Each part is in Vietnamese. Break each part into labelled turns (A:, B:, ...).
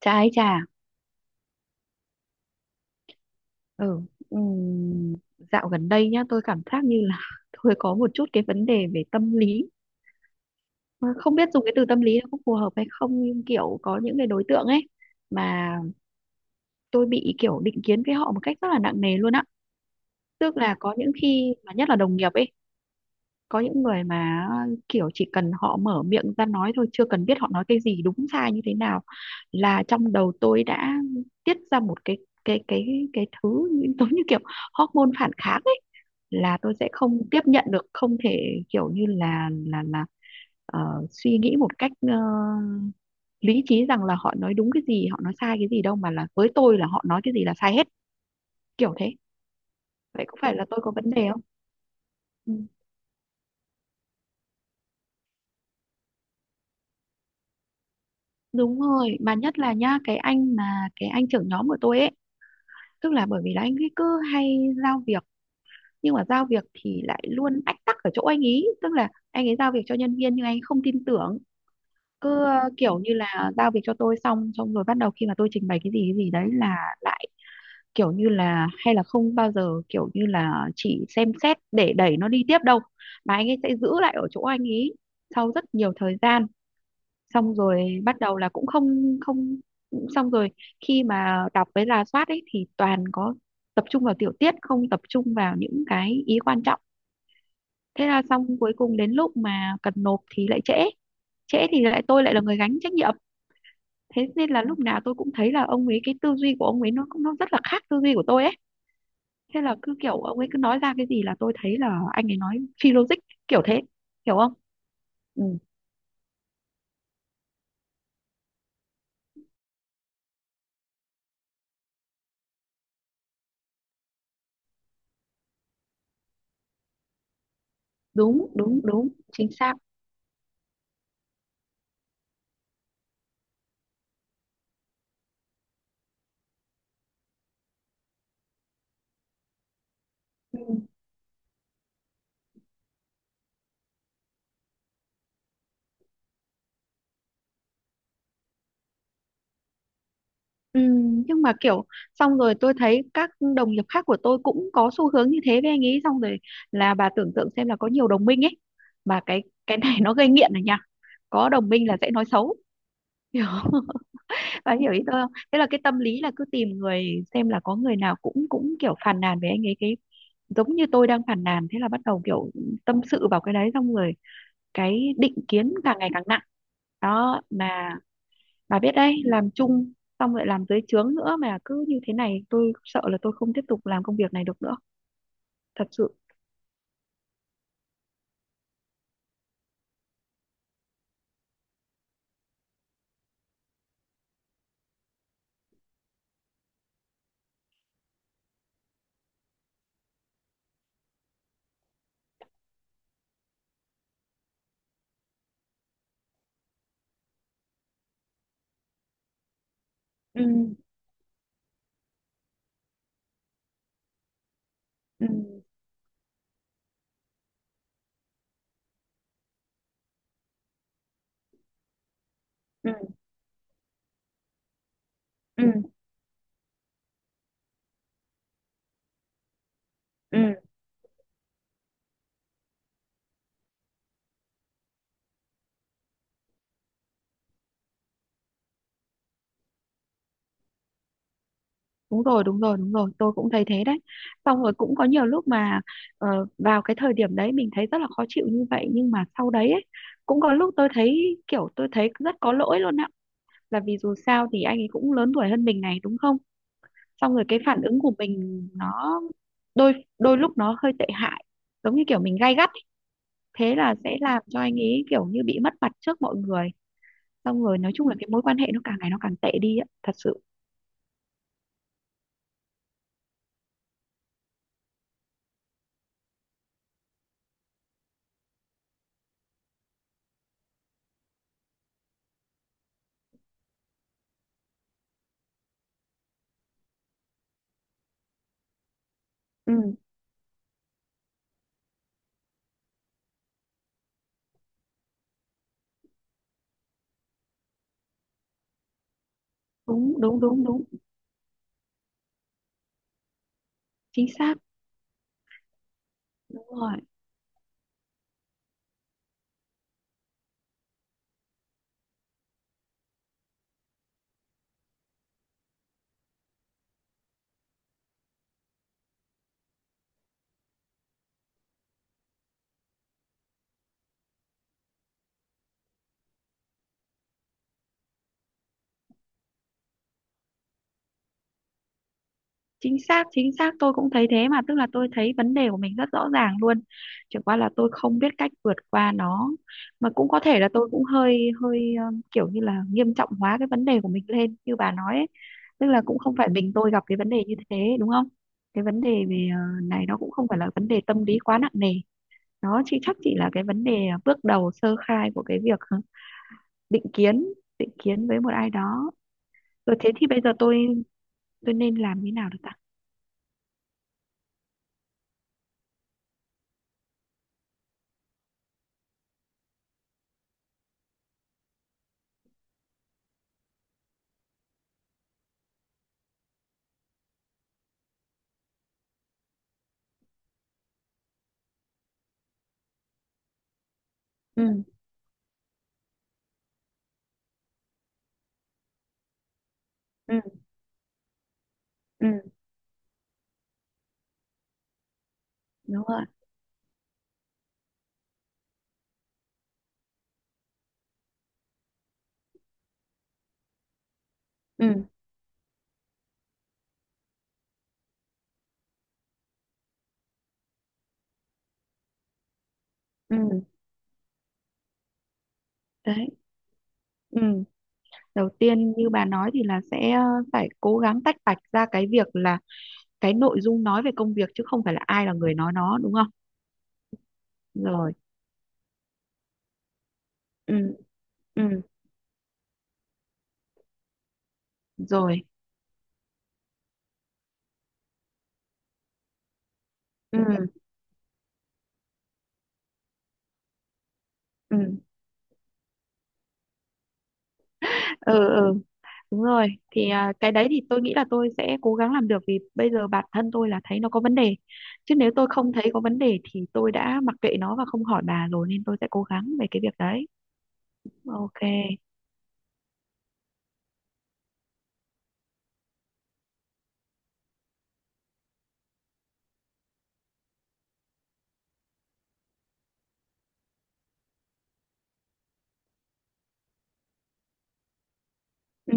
A: Trà ấy trà. Ừ, ừm, dạo gần đây nhá, tôi cảm giác như là tôi có một chút cái vấn đề về tâm lý. Mà không biết dùng cái từ tâm lý nó có phù hợp hay không, nhưng kiểu có những cái đối tượng ấy mà tôi bị kiểu định kiến với họ một cách rất là nặng nề luôn á. Tức là có những khi mà nhất là đồng nghiệp ấy, có những người mà kiểu chỉ cần họ mở miệng ra nói thôi, chưa cần biết họ nói cái gì đúng sai như thế nào, là trong đầu tôi đã tiết ra một cái giống như kiểu hormone phản kháng ấy, là tôi sẽ không tiếp nhận được, không thể kiểu như là ờ, suy nghĩ một cách lý trí rằng là họ nói đúng cái gì họ nói sai cái gì đâu, mà là với tôi là họ nói cái gì là sai hết, kiểu thế. Vậy có phải là tôi có vấn đề không? Ừ. Đúng rồi, mà nhất là nhá, cái anh trưởng nhóm của tôi ấy, tức là bởi vì là anh ấy cứ hay giao việc, nhưng mà giao việc thì lại luôn ách tắc ở chỗ anh ý, tức là anh ấy giao việc cho nhân viên nhưng anh ấy không tin tưởng, cứ kiểu như là giao việc cho tôi xong xong rồi bắt đầu, khi mà tôi trình bày cái gì đấy là lại kiểu như là, hay là không bao giờ kiểu như là chỉ xem xét để đẩy nó đi tiếp đâu, mà anh ấy sẽ giữ lại ở chỗ anh ý sau rất nhiều thời gian, xong rồi bắt đầu là cũng không không xong rồi khi mà đọc với rà soát ấy thì toàn có tập trung vào tiểu tiết, không tập trung vào những cái ý quan trọng, thế là xong, cuối cùng đến lúc mà cần nộp thì lại trễ, trễ thì lại tôi lại là người gánh trách nhiệm. Thế nên là lúc nào tôi cũng thấy là ông ấy, cái tư duy của ông ấy nó rất là khác tư duy của tôi ấy, thế là cứ kiểu ông ấy cứ nói ra cái gì là tôi thấy là anh ấy nói phi logic, kiểu thế. Hiểu không? Ừ, đúng đúng đúng, chính xác. Ừ, ừ, nhưng mà kiểu, xong rồi tôi thấy các đồng nghiệp khác của tôi cũng có xu hướng như thế với anh ấy, xong rồi là bà tưởng tượng xem là có nhiều đồng minh ấy, mà cái này nó gây nghiện rồi nha, có đồng minh là sẽ nói xấu, hiểu không? Bà hiểu ý tôi không? Thế là cái tâm lý là cứ tìm người, xem là có người nào cũng cũng kiểu phàn nàn với anh ấy, cái giống như tôi đang phàn nàn, thế là bắt đầu kiểu tâm sự vào cái đấy, xong rồi cái định kiến càng ngày càng nặng, đó mà. Bà biết đấy, làm chung xong lại làm dưới trướng nữa mà cứ như thế này tôi sợ là tôi không tiếp tục làm công việc này được nữa, thật sự. Ừ, ừ, ừ, ừ, ừ, đúng rồi, đúng rồi, đúng rồi, tôi cũng thấy thế đấy. Xong rồi cũng có nhiều lúc mà ờ, vào cái thời điểm đấy mình thấy rất là khó chịu như vậy, nhưng mà sau đấy ấy, cũng có lúc tôi thấy rất có lỗi luôn ạ, là vì dù sao thì anh ấy cũng lớn tuổi hơn mình này, đúng không? Xong rồi cái phản ứng của mình nó đôi đôi lúc nó hơi tệ hại, giống như kiểu mình gay gắt, thế là sẽ làm cho anh ấy kiểu như bị mất mặt trước mọi người, xong rồi nói chung là cái mối quan hệ nó càng ngày nó càng tệ đi á, thật sự. Ừ, đúng đúng đúng đúng, chính xác. Đúng rồi, chính xác, chính xác, tôi cũng thấy thế mà, tức là tôi thấy vấn đề của mình rất rõ ràng luôn, chỉ qua là tôi không biết cách vượt qua nó, mà cũng có thể là tôi cũng hơi hơi kiểu như là nghiêm trọng hóa cái vấn đề của mình lên như bà nói ấy. Tức là cũng không phải mình tôi gặp cái vấn đề như thế, đúng không? Cái vấn đề về này nó cũng không phải là vấn đề tâm lý quá nặng nề, đó chị, chắc chỉ là cái vấn đề bước đầu sơ khai của cái việc định kiến, định kiến với một ai đó. Rồi thế thì bây giờ tôi nên làm như nào được ta? Ừ, ừ, ừ, đúng rồi, ừ, ừ, đấy, ừ. Đầu tiên như bà nói thì là sẽ phải cố gắng tách bạch ra cái việc là cái nội dung nói về công việc chứ không phải là ai là người nói, nó đúng không? Rồi, ừ, ừ, rồi, ừ, ừ, ừ. Đúng rồi, thì cái đấy thì tôi nghĩ là tôi sẽ cố gắng làm được, vì bây giờ bản thân tôi là thấy nó có vấn đề. Chứ nếu tôi không thấy có vấn đề thì tôi đã mặc kệ nó và không hỏi bà rồi, nên tôi sẽ cố gắng về cái việc đấy. Ok. Ừ,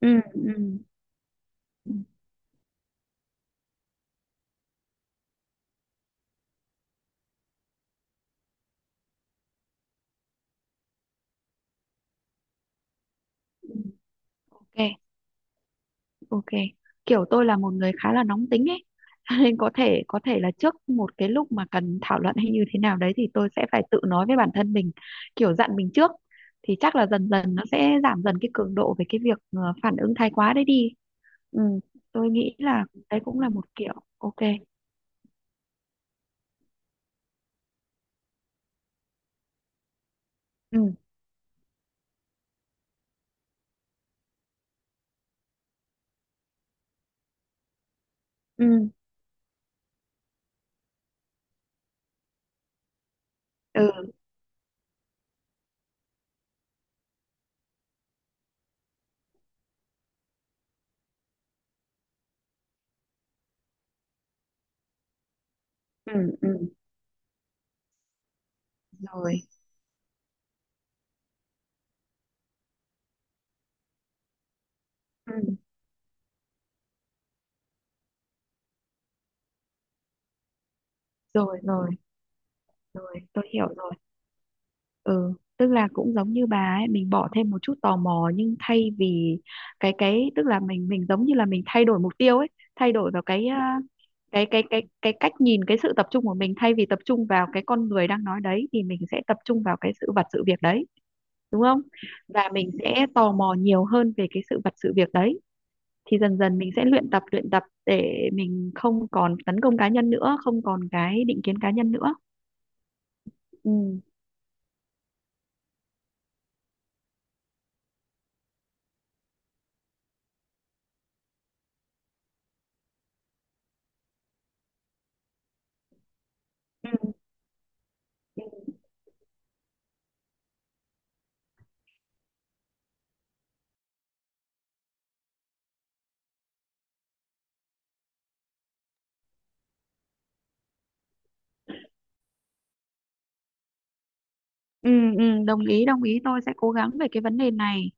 A: ừ, ừ, ừ. Ok, ok. Kiểu tôi là một người khá là nóng tính ấy. Nên có thể là trước một cái lúc mà cần thảo luận hay như thế nào đấy thì tôi sẽ phải tự nói với bản thân mình, kiểu dặn mình trước, thì chắc là dần dần nó sẽ giảm dần cái cường độ về cái việc phản ứng thái quá đấy đi. Ừ, tôi nghĩ là đấy cũng là một kiểu ok. Ừ, ừ, ừ, ừ, ừ, rồi, ừ, rồi, rồi, rồi, tôi hiểu rồi, ừ. Tức là cũng giống như bà ấy, mình bỏ thêm một chút tò mò, nhưng thay vì cái tức là mình giống như là mình thay đổi mục tiêu ấy, thay đổi vào cái cái cách nhìn, cái sự tập trung của mình, thay vì tập trung vào cái con người đang nói đấy thì mình sẽ tập trung vào cái sự vật sự việc đấy, đúng không? Và mình sẽ tò mò nhiều hơn về cái sự vật sự việc đấy, thì dần dần mình sẽ luyện tập để mình không còn tấn công cá nhân nữa, không còn cái định kiến cá nhân nữa. Ừ. Ừ. Ừ, ừ, đồng ý đồng ý, tôi sẽ cố gắng về cái vấn đề này.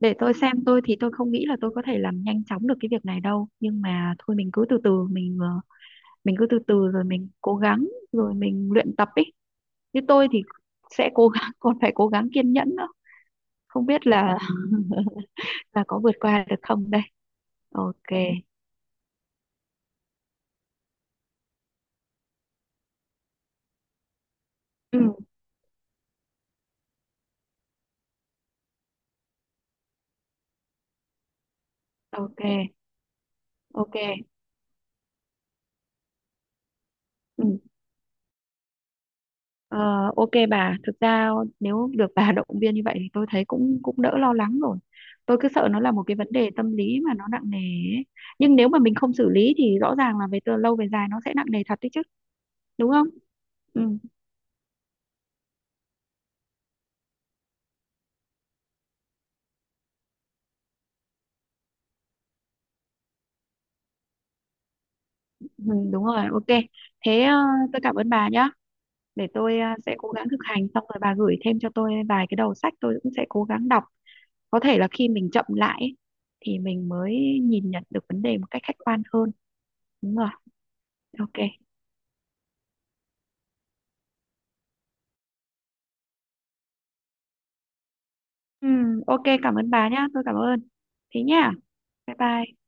A: Để tôi xem, tôi thì tôi không nghĩ là tôi có thể làm nhanh chóng được cái việc này đâu, nhưng mà thôi mình cứ từ từ rồi mình cố gắng, rồi mình luyện tập ý. Như tôi thì sẽ cố gắng còn phải cố gắng kiên nhẫn nữa, không biết là có vượt qua được không đây. Ok, ừ, ok, ok, ừ. Ờ, ok bà, thực ra nếu được bà động viên như vậy thì tôi thấy cũng cũng đỡ lo lắng rồi. Tôi cứ sợ nó là một cái vấn đề tâm lý mà nó nặng nề ấy. Nhưng nếu mà mình không xử lý thì rõ ràng là về từ lâu về dài nó sẽ nặng nề thật đấy chứ, đúng không? Ừ, ừ, đúng rồi, ok. Thế tôi cảm ơn bà nhá. Để tôi sẽ cố gắng thực hành, xong rồi bà gửi thêm cho tôi vài cái đầu sách tôi cũng sẽ cố gắng đọc. Có thể là khi mình chậm lại ấy, thì mình mới nhìn nhận được vấn đề một cách khách quan hơn. Đúng rồi, ok. Ừ, ok cảm ơn bà nhá, tôi cảm ơn. Thế nhá, bye bye.